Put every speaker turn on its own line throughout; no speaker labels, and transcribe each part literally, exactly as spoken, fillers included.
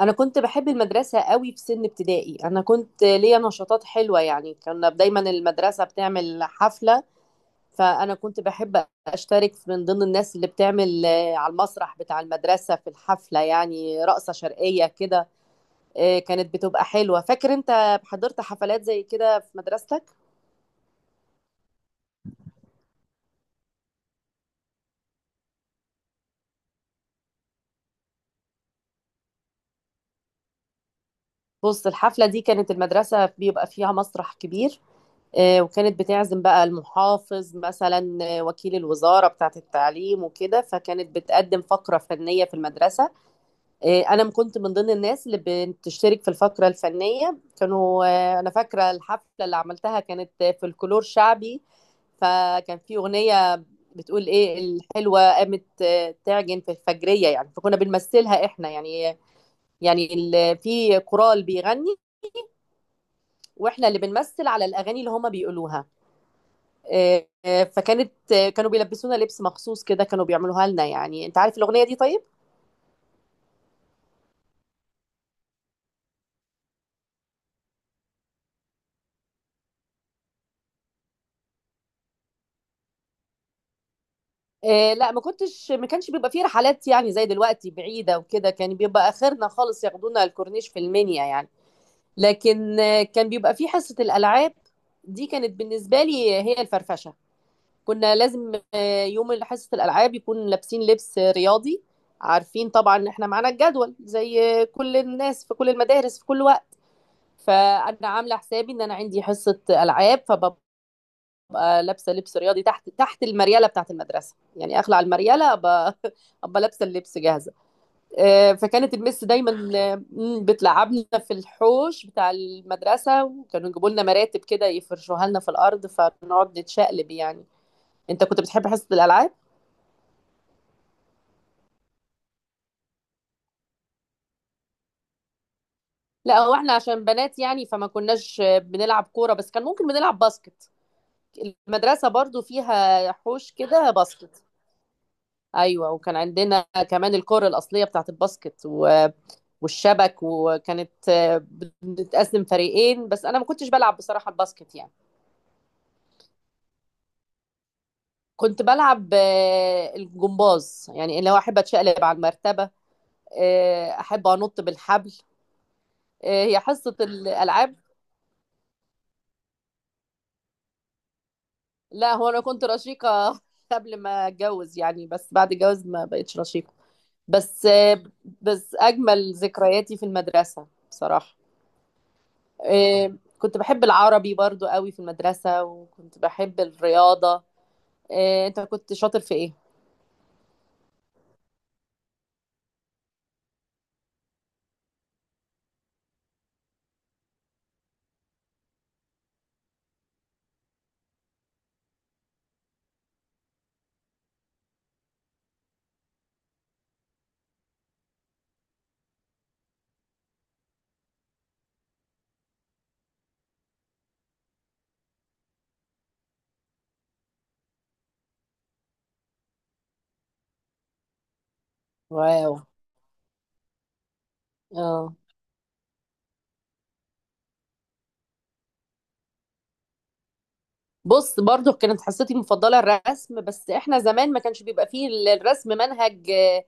انا كنت بحب المدرسه قوي في سن ابتدائي. انا كنت ليا نشاطات حلوه، يعني كنا دايما المدرسه بتعمل حفله. فانا كنت بحب اشترك من ضمن الناس اللي بتعمل آه، على المسرح بتاع المدرسه في الحفله، يعني رقصه شرقيه كده. آه، كانت بتبقى حلوه. فاكر انت حضرت حفلات زي كده في مدرستك؟ بص، الحفله دي كانت المدرسه بيبقى فيها مسرح كبير. آه، وكانت بتعزم بقى المحافظ مثلا، آه، وكيل الوزارة بتاعة التعليم وكده، فكانت بتقدم فقرة فنية في المدرسة. آه، أنا كنت من ضمن الناس اللي بتشترك في الفقرة الفنية. كانوا آه، أنا فاكرة الحفلة اللي عملتها كانت آه، فولكلور شعبي. فكان في أغنية بتقول إيه. الحلوة قامت آه، تعجن في الفجرية، يعني فكنا بنمثلها إحنا، يعني. يعني ال- في كورال بيغني، وإحنا اللي بنمثل على الأغاني اللي هما بيقولوها. آه، آه، فكانت آه، كانوا بيلبسونا لبس مخصوص كده، كانوا بيعملوها لنا، يعني. انت عارف الاغنيه دي؟ طيب. آه، لا، ما كنتش ما كانش بيبقى فيه رحلات، يعني زي دلوقتي بعيده وكده. كان بيبقى اخرنا خالص ياخدونا الكورنيش في المنيا، يعني. لكن آه، كان بيبقى فيه حصه الالعاب. دي كانت بالنسبه لي هي الفرفشه. كنا لازم آه، يوم حصه الالعاب يكون لابسين لبس رياضي. عارفين طبعا ان احنا معانا الجدول زي كل الناس في كل المدارس في كل وقت. فانا عامله حسابي ان انا عندي حصه العاب، فببقى لابسه لبس رياضي تحت تحت المرياله بتاعه المدرسه، يعني اخلع المرياله، ابقى ابقى لابسه اللبس جاهزه. آه، فكانت المس دايما آه، مم، بتلعبنا في الحوش بتاع المدرسه، وكانوا يجيبوا لنا مراتب كده يفرشوها لنا في الارض، فنقعد نتشقلب، يعني. انت كنت بتحب حصه الالعاب؟ لا، هو احنا عشان بنات، يعني فما كناش آه، بنلعب كوره، بس كان ممكن بنلعب باسكت. المدرسه برضو فيها حوش كده باسكت. ايوه، وكان عندنا كمان الكرة الاصليه بتاعت الباسكت و... والشبك. وكانت آه، بنتقسم فريقين، بس انا ما كنتش بلعب بصراحه الباسكت، يعني. كنت بلعب آه، الجمباز، يعني اللي هو احب اتشقلب على المرتبه. آه، احب انط بالحبل. آه، هي حصه الالعاب. لا، هو انا كنت رشيقه قبل ما اتجوز، يعني. بس بعد الجواز ما بقتش رشيقه. بس آه، بس اجمل ذكرياتي في المدرسه بصراحه. آه، كنت بحب العربي برضو قوي في المدرسة، وكنت بحب الرياضة. آه، انت كنت شاطر في ايه؟ واو. اه، بص، برضو كانت حصتي المفضلة الرسم، بس احنا زمان ما كانش بيبقى فيه الرسم منهج آه،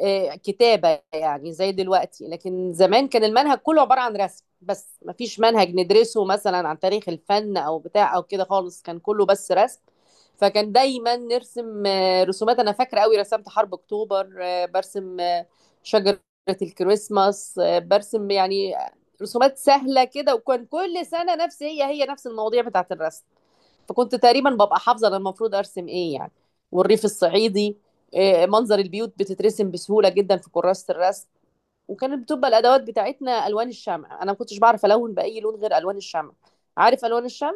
آه، كتابة، يعني زي دلوقتي. لكن زمان كان المنهج كله عبارة عن رسم بس، ما فيش منهج ندرسه مثلا عن تاريخ الفن او بتاع او كده خالص، كان كله بس رسم. فكان دايما نرسم آه، رسومات. انا فاكرة قوي رسمت حرب اكتوبر، آه، برسم آه، شجرة الكريسماس، آه، برسم يعني رسومات سهلة كده. وكان كل سنة نفس، هي هي نفس المواضيع بتاعت الرسم. فكنت تقريبا ببقى حافظه انا المفروض ارسم ايه، يعني. والريف الصعيدي، آه، منظر البيوت بتترسم بسهوله جدا في كراسه الرسم. وكانت بتبقى الادوات بتاعتنا الوان الشمع. انا ما كنتش بعرف الون باي لون غير الوان الشمع. عارف الوان الشمع؟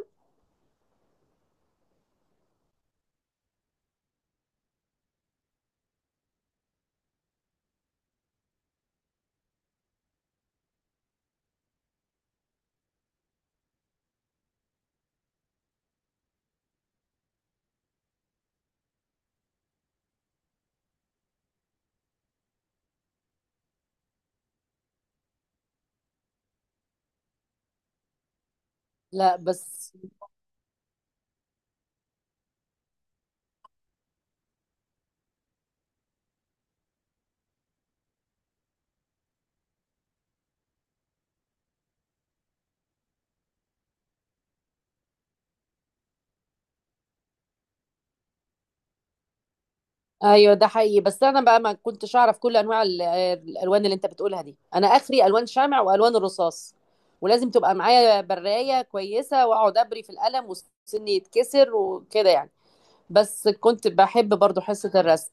لا، بس. ايوه، ده حقيقي. بس انا بقى ما كنتش اعرف كل انواع ال- آه، الالوان اللي انت بتقولها دي. انا اخري الوان شمع والوان الرصاص، ولازم تبقى معايا برايه كويسه، واقعد ابري في القلم وسني يتكسر وكده، يعني. بس كنت بحب برضو حصه الرسم.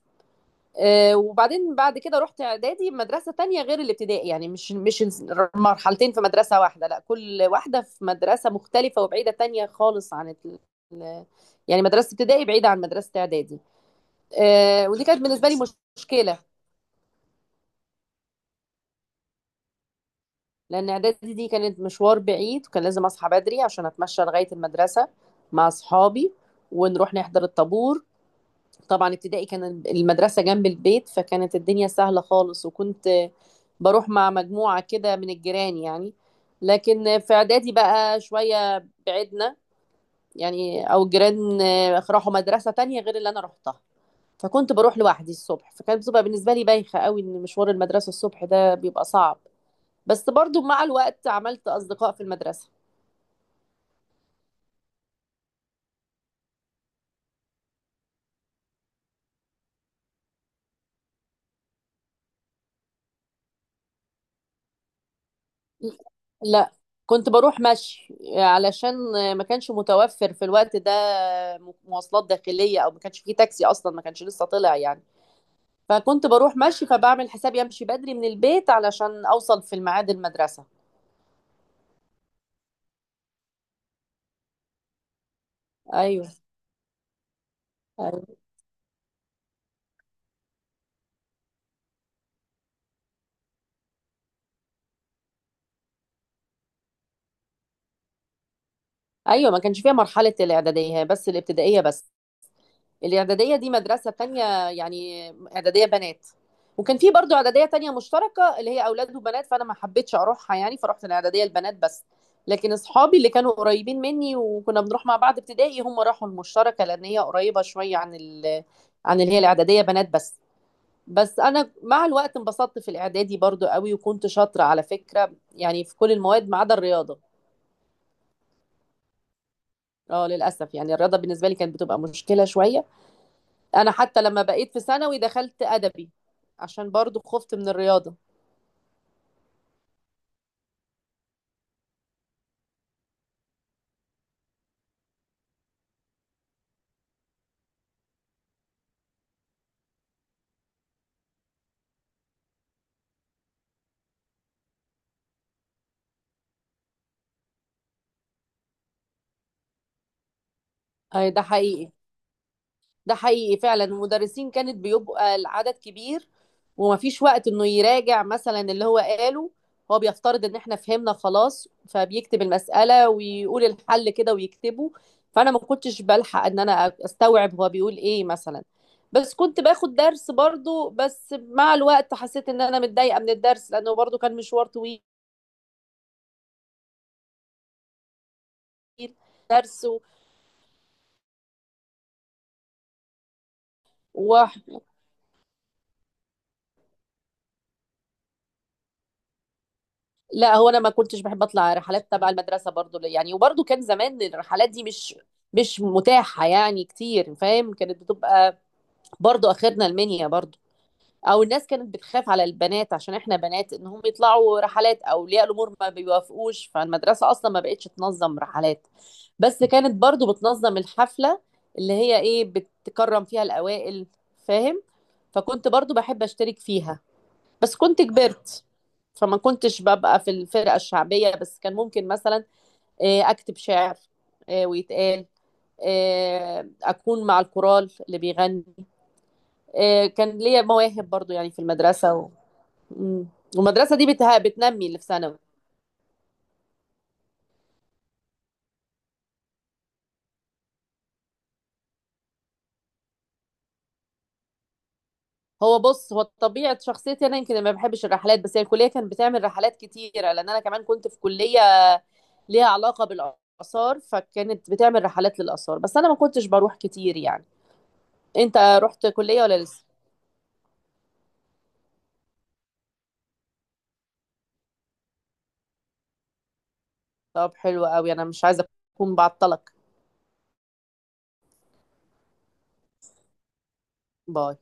آه، وبعدين بعد كده رحت اعدادي مدرسه تانية غير الابتدائي، يعني مش مش مرحلتين في مدرسه واحده. لا، كل واحده في مدرسه مختلفه وبعيده تانية خالص عن ال... ال- يعني، مدرسه ابتدائي بعيده عن مدرسه اعدادي. آه، ودي كانت بالنسبه لي مش- مشكله، لان اعدادي دي كانت مشوار بعيد، وكان لازم اصحى بدري عشان اتمشى لغايه المدرسه مع اصحابي، ونروح نحضر الطابور. طبعا، ابتدائي كان المدرسة جنب البيت، فكانت الدنيا سهلة خالص، وكنت بروح مع مجموعة كده من الجيران، يعني. لكن في إعدادي بقى شوية بعدنا، يعني أو الجيران راحوا مدرسة تانية غير اللي أنا روحتها. فكنت بروح لوحدي الصبح، فكانت بتبقى بالنسبة لي بايخة قوي إن مشوار المدرسة الصبح ده بيبقى صعب. بس برضو مع الوقت عملت أصدقاء في المدرسة. لا، كنت بروح مشي، علشان ما كانش متوفر في الوقت ده مواصلات داخلية، او ما كانش فيه تاكسي، اصلا ما كانش لسه طلع، يعني. فكنت بروح مشي، فبعمل حسابي امشي بدري من البيت علشان اوصل في الميعاد المدرسة. ايوه، ايوه. أيوة، ما كانش فيها مرحلة الاعدادية، هي بس الابتدائية بس. الإعدادية دي مدرسة تانية، يعني إعدادية بنات. وكان في برضو إعدادية تانية مشتركة اللي هي أولاد وبنات، فأنا ما حبيتش أروحها، يعني فرحت الإعدادية البنات بس. لكن أصحابي اللي كانوا قريبين مني وكنا بنروح مع بعض ابتدائي، هم راحوا المشتركة، لأن هي قريبة شوية عن ال... عن اللي هي الإعدادية بنات بس. بس أنا مع الوقت انبسطت في الإعدادي برضو قوي، وكنت شاطرة على فكرة، يعني في كل المواد ما عدا الرياضة. اه، للأسف يعني الرياضة بالنسبة لي كانت بتبقى مشكلة شوية. انا حتى لما بقيت في ثانوي دخلت ادبي، عشان برضو خفت من الرياضه. اي، ده حقيقي، ده حقيقي فعلا. المدرسين كانت بيبقى العدد كبير، ومفيش وقت انه يراجع مثلا اللي هو قاله. هو بيفترض ان احنا فهمنا خلاص، فبيكتب المسألة ويقول الحل كده ويكتبه. فانا ما كنتش بلحق ان انا استوعب هو بيقول ايه مثلا. بس كنت باخد درس برضو. بس مع الوقت حسيت ان انا متضايقة من الدرس، لانه برضو كان مشوار طويل. درس. لا، هو انا ما كنتش بحب اطلع رحلات تبع المدرسه برضو، يعني. وبرضو كان زمان الرحلات دي مش مش متاحه، يعني كتير، فاهم؟ كانت بتبقى برضو اخرنا المنيا، برضو. او الناس كانت بتخاف على البنات عشان احنا بنات، ان هم يطلعوا رحلات، او اولياء الامور ما بيوافقوش. فالمدرسه اصلا ما بقتش تنظم رحلات. بس كانت برضو بتنظم الحفله، اللي هي ايه بتكرم فيها الاوائل. فاهم؟ فكنت برضو بحب اشترك فيها. بس كنت كبرت، فما كنتش ببقى في الفرقة الشعبية. بس كان ممكن مثلا آه، أكتب شعر، آه، ويتقال، آه، أكون مع الكورال اللي بيغني. آه، كان ليا مواهب برضو، يعني في المدرسة و... مم. والمدرسة دي بتها... بتنمي اللي في ثانوي. هو، بص، هو طبيعة شخصيتي أنا يمكن ما بحبش الرحلات. بس هي الكلية كانت بتعمل رحلات كتيرة، لأن أنا كمان كنت في كلية ليها علاقة بالآثار، فكانت بتعمل رحلات للآثار، بس أنا ما كنتش بروح كتير، يعني. أنت رحت كلية ولا لسه؟ طب، حلو قوي، انا مش عايزه اكون بعطلك. باي.